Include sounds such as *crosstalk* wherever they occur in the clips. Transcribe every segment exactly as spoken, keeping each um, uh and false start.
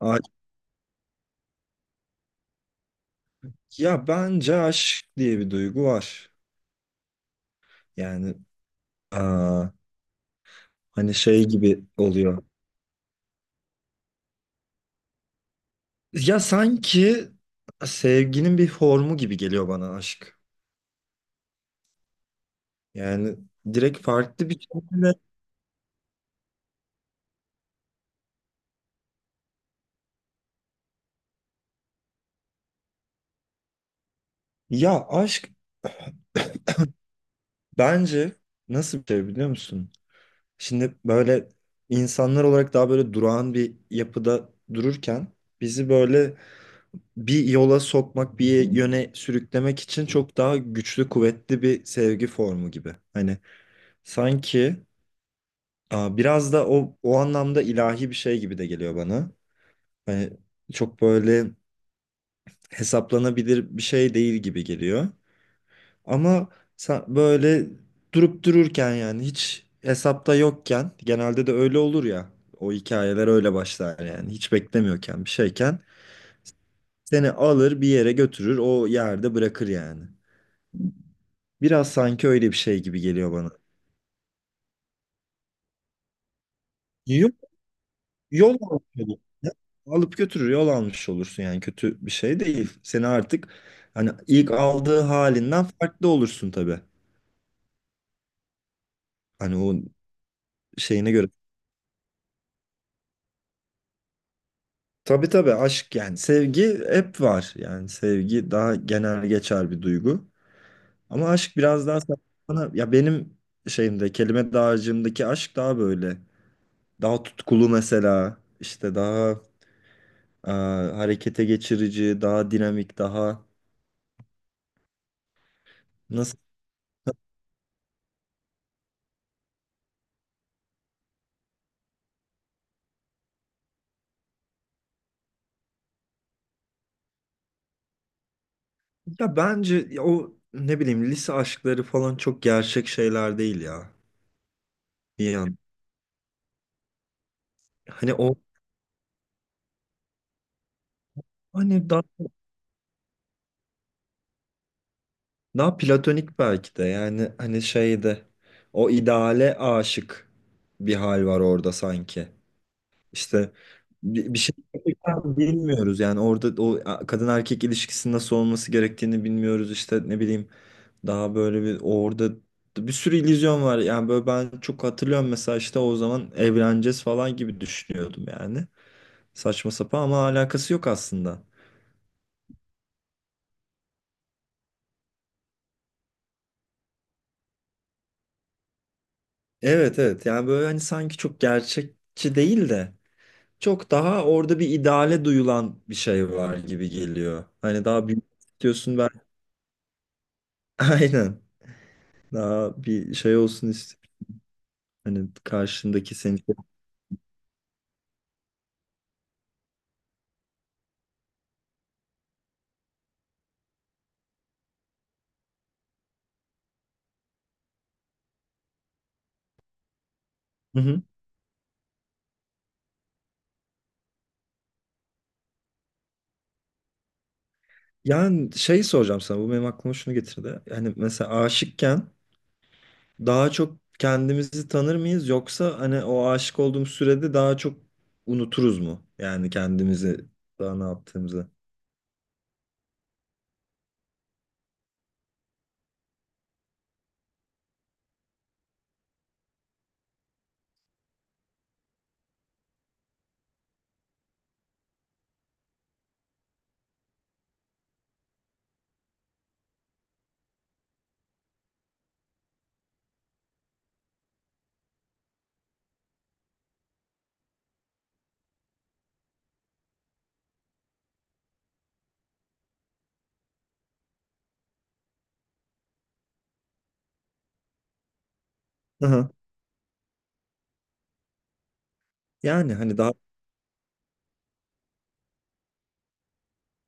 A- Ya bence aşk diye bir duygu var. Yani aa, hani şey gibi oluyor. Ya sanki sevginin bir formu gibi geliyor bana aşk. Yani direkt farklı bir şekilde. Ya aşk bence nasıl bir şey biliyor musun? Şimdi böyle insanlar olarak daha böyle durağan bir yapıda dururken bizi böyle bir yola sokmak, bir yöne sürüklemek için çok daha güçlü, kuvvetli bir sevgi formu gibi. Hani sanki aa, biraz da o o anlamda ilahi bir şey gibi de geliyor bana. Hani çok böyle hesaplanabilir bir şey değil gibi geliyor. Ama sa- böyle durup dururken yani hiç hesapta yokken genelde de öyle olur ya. O hikayeler öyle başlar yani. Hiç beklemiyorken bir şeyken seni alır bir yere götürür o yerde bırakır yani. Biraz sanki öyle bir şey gibi geliyor bana. Yok, yol almış olursun. Alıp götürür yol almış olursun yani kötü bir şey değil. Seni artık hani ilk aldığı halinden farklı olursun tabii. Hani o şeyine göre. Tabii tabii aşk yani sevgi hep var. Yani sevgi daha genel geçer bir duygu. Ama aşk biraz daha sana ya benim şeyimde kelime dağarcığımdaki aşk daha böyle daha tutkulu mesela işte daha e, harekete geçirici, daha dinamik, daha nasıl. Ya bence ya o ne bileyim lise aşkları falan çok gerçek şeyler değil ya. Bir yan. Hani o hani daha daha platonik belki de yani hani şeyde o ideale aşık bir hal var orada sanki. İşte bir, bir şey gerçekten bilmiyoruz yani orada o kadın erkek ilişkisinin nasıl olması gerektiğini bilmiyoruz işte ne bileyim daha böyle bir orada bir sürü illüzyon var yani böyle ben çok hatırlıyorum mesela işte o zaman evleneceğiz falan gibi düşünüyordum yani saçma sapan ama alakası yok aslında. Evet evet yani böyle hani sanki çok gerçekçi değil de çok daha orada bir ideale duyulan bir şey var gibi geliyor. Hani daha büyük istiyorsun ben *laughs* aynen. Daha bir şey olsun istedim. Hani karşındaki seni. Hı hı. Yani şey soracağım sana. Bu benim aklıma şunu getirdi. Hani mesela aşıkken daha çok kendimizi tanır mıyız? Yoksa hani o aşık olduğumuz sürede daha çok unuturuz mu? Yani kendimizi daha ne yaptığımızı. Aha. Yani hani daha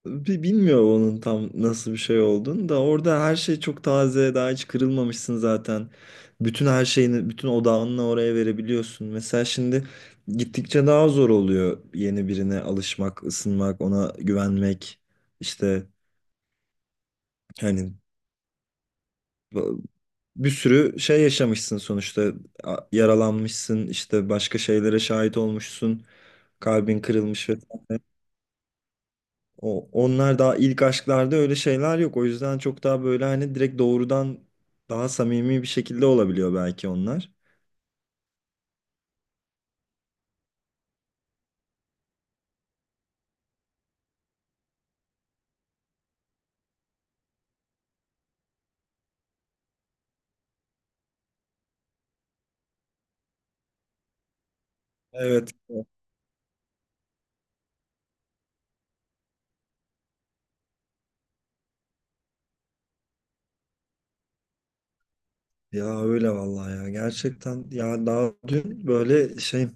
Bi- bilmiyorum onun tam nasıl bir şey olduğunu da orada her şey çok taze daha hiç kırılmamışsın zaten. Bütün her şeyini bütün odağını oraya verebiliyorsun. Mesela şimdi gittikçe daha zor oluyor yeni birine alışmak, ısınmak, ona güvenmek. İşte hani bu- bir sürü şey yaşamışsın sonuçta. A- yaralanmışsın işte başka şeylere şahit olmuşsun kalbin kırılmış vesaire. O, onlar daha ilk aşklarda öyle şeyler yok. O yüzden çok daha böyle hani direkt doğrudan daha samimi bir şekilde olabiliyor belki onlar. Evet. Ya öyle vallahi ya. Gerçekten ya daha dün böyle şey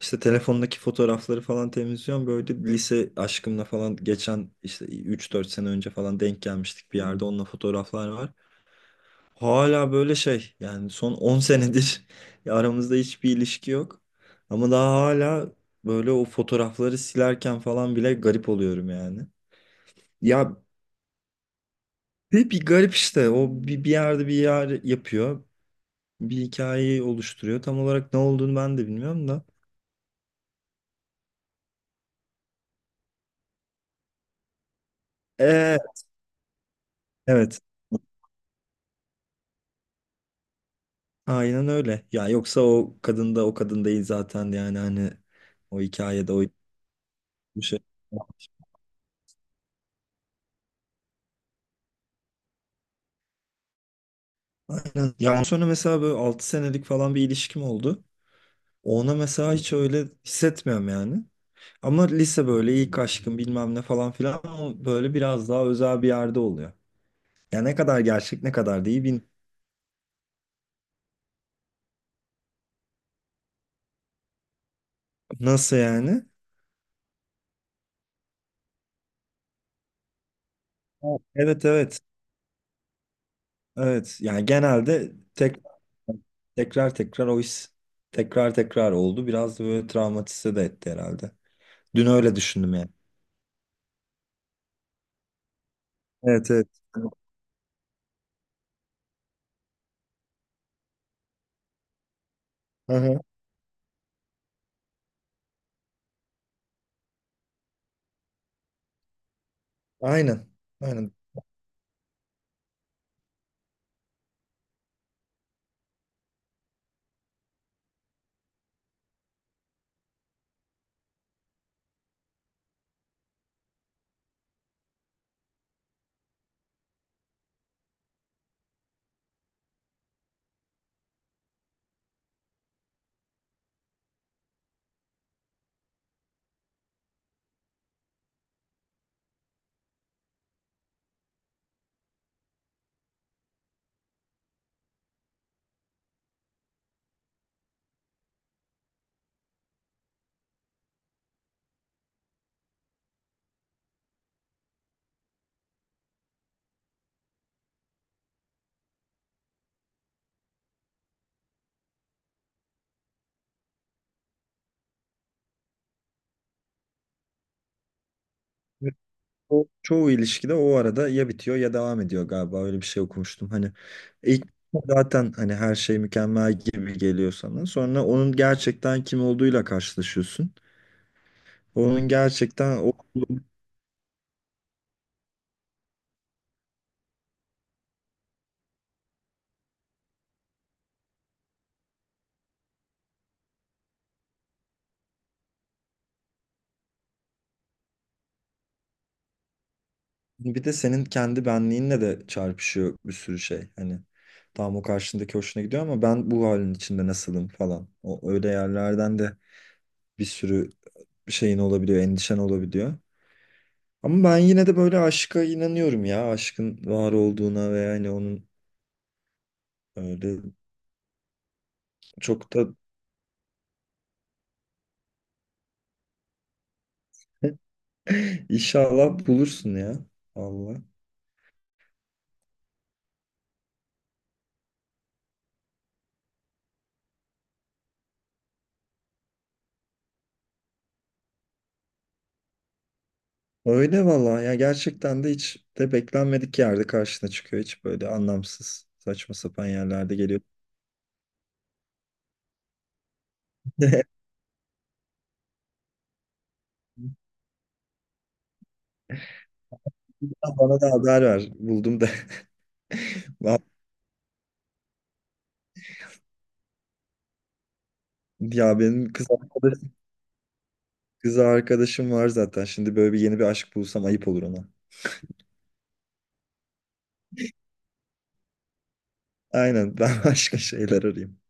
işte telefondaki fotoğrafları falan temizliyorum. Böyle lise aşkımla falan geçen işte üç dört sene önce falan denk gelmiştik bir yerde. Onunla fotoğraflar var. Hala böyle şey yani son on senedir *laughs* ya aramızda hiçbir ilişki yok. Ama daha hala böyle o fotoğrafları silerken falan bile garip oluyorum yani. Ya bir, bir garip işte o bir, bir yerde bir yer yapıyor. Bir hikayeyi oluşturuyor. Tam olarak ne olduğunu ben de bilmiyorum da. Ee, evet aynen öyle. Ya yoksa o kadın da o kadın değil zaten yani hani o hikayede o bir şey. Aynen. Ya ondan sonra mesela böyle altı senelik falan bir ilişkim oldu. Ona mesela hiç öyle hissetmiyorum yani. Ama lise böyle ilk aşkım bilmem ne falan filan o böyle biraz daha özel bir yerde oluyor. Ya ne kadar gerçek ne kadar değil bin. Nasıl yani? Evet. Evet evet. Evet. Yani genelde tek, tekrar tekrar o his tekrar tekrar oldu. Biraz da böyle travmatize de etti herhalde. Dün öyle düşündüm yani. Evet evet. Aha, aynen. Aynen. O çoğu ilişkide o arada ya bitiyor ya devam ediyor galiba öyle bir şey okumuştum. Hani ilk zaten hani her şey mükemmel gibi geliyor sana. Sonra onun gerçekten kim olduğuyla karşılaşıyorsun. Onun gerçekten o *laughs* bir de senin kendi benliğinle de çarpışıyor bir sürü şey. Hani tam o karşındaki hoşuna gidiyor ama ben bu halin içinde nasılım falan. O öyle yerlerden de bir sürü şeyin olabiliyor, endişen olabiliyor. Ama ben yine de böyle aşka inanıyorum ya. Aşkın var olduğuna ve yani onun. Öyle çok da inşallah bulursun ya. Allah. Öyle valla ya gerçekten de hiç de beklenmedik yerde karşına çıkıyor. Hiç böyle anlamsız saçma sapan yerlerde geliyor. Ya bana da haber ver. Buldum da. *laughs* Ya benim kız arkadaşım, kız arkadaşım var zaten. Şimdi böyle bir yeni bir aşk bulsam ayıp olur ona. Aynen ben *laughs* başka şeyler arayayım.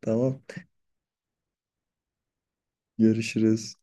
Tamam. Görüşürüz.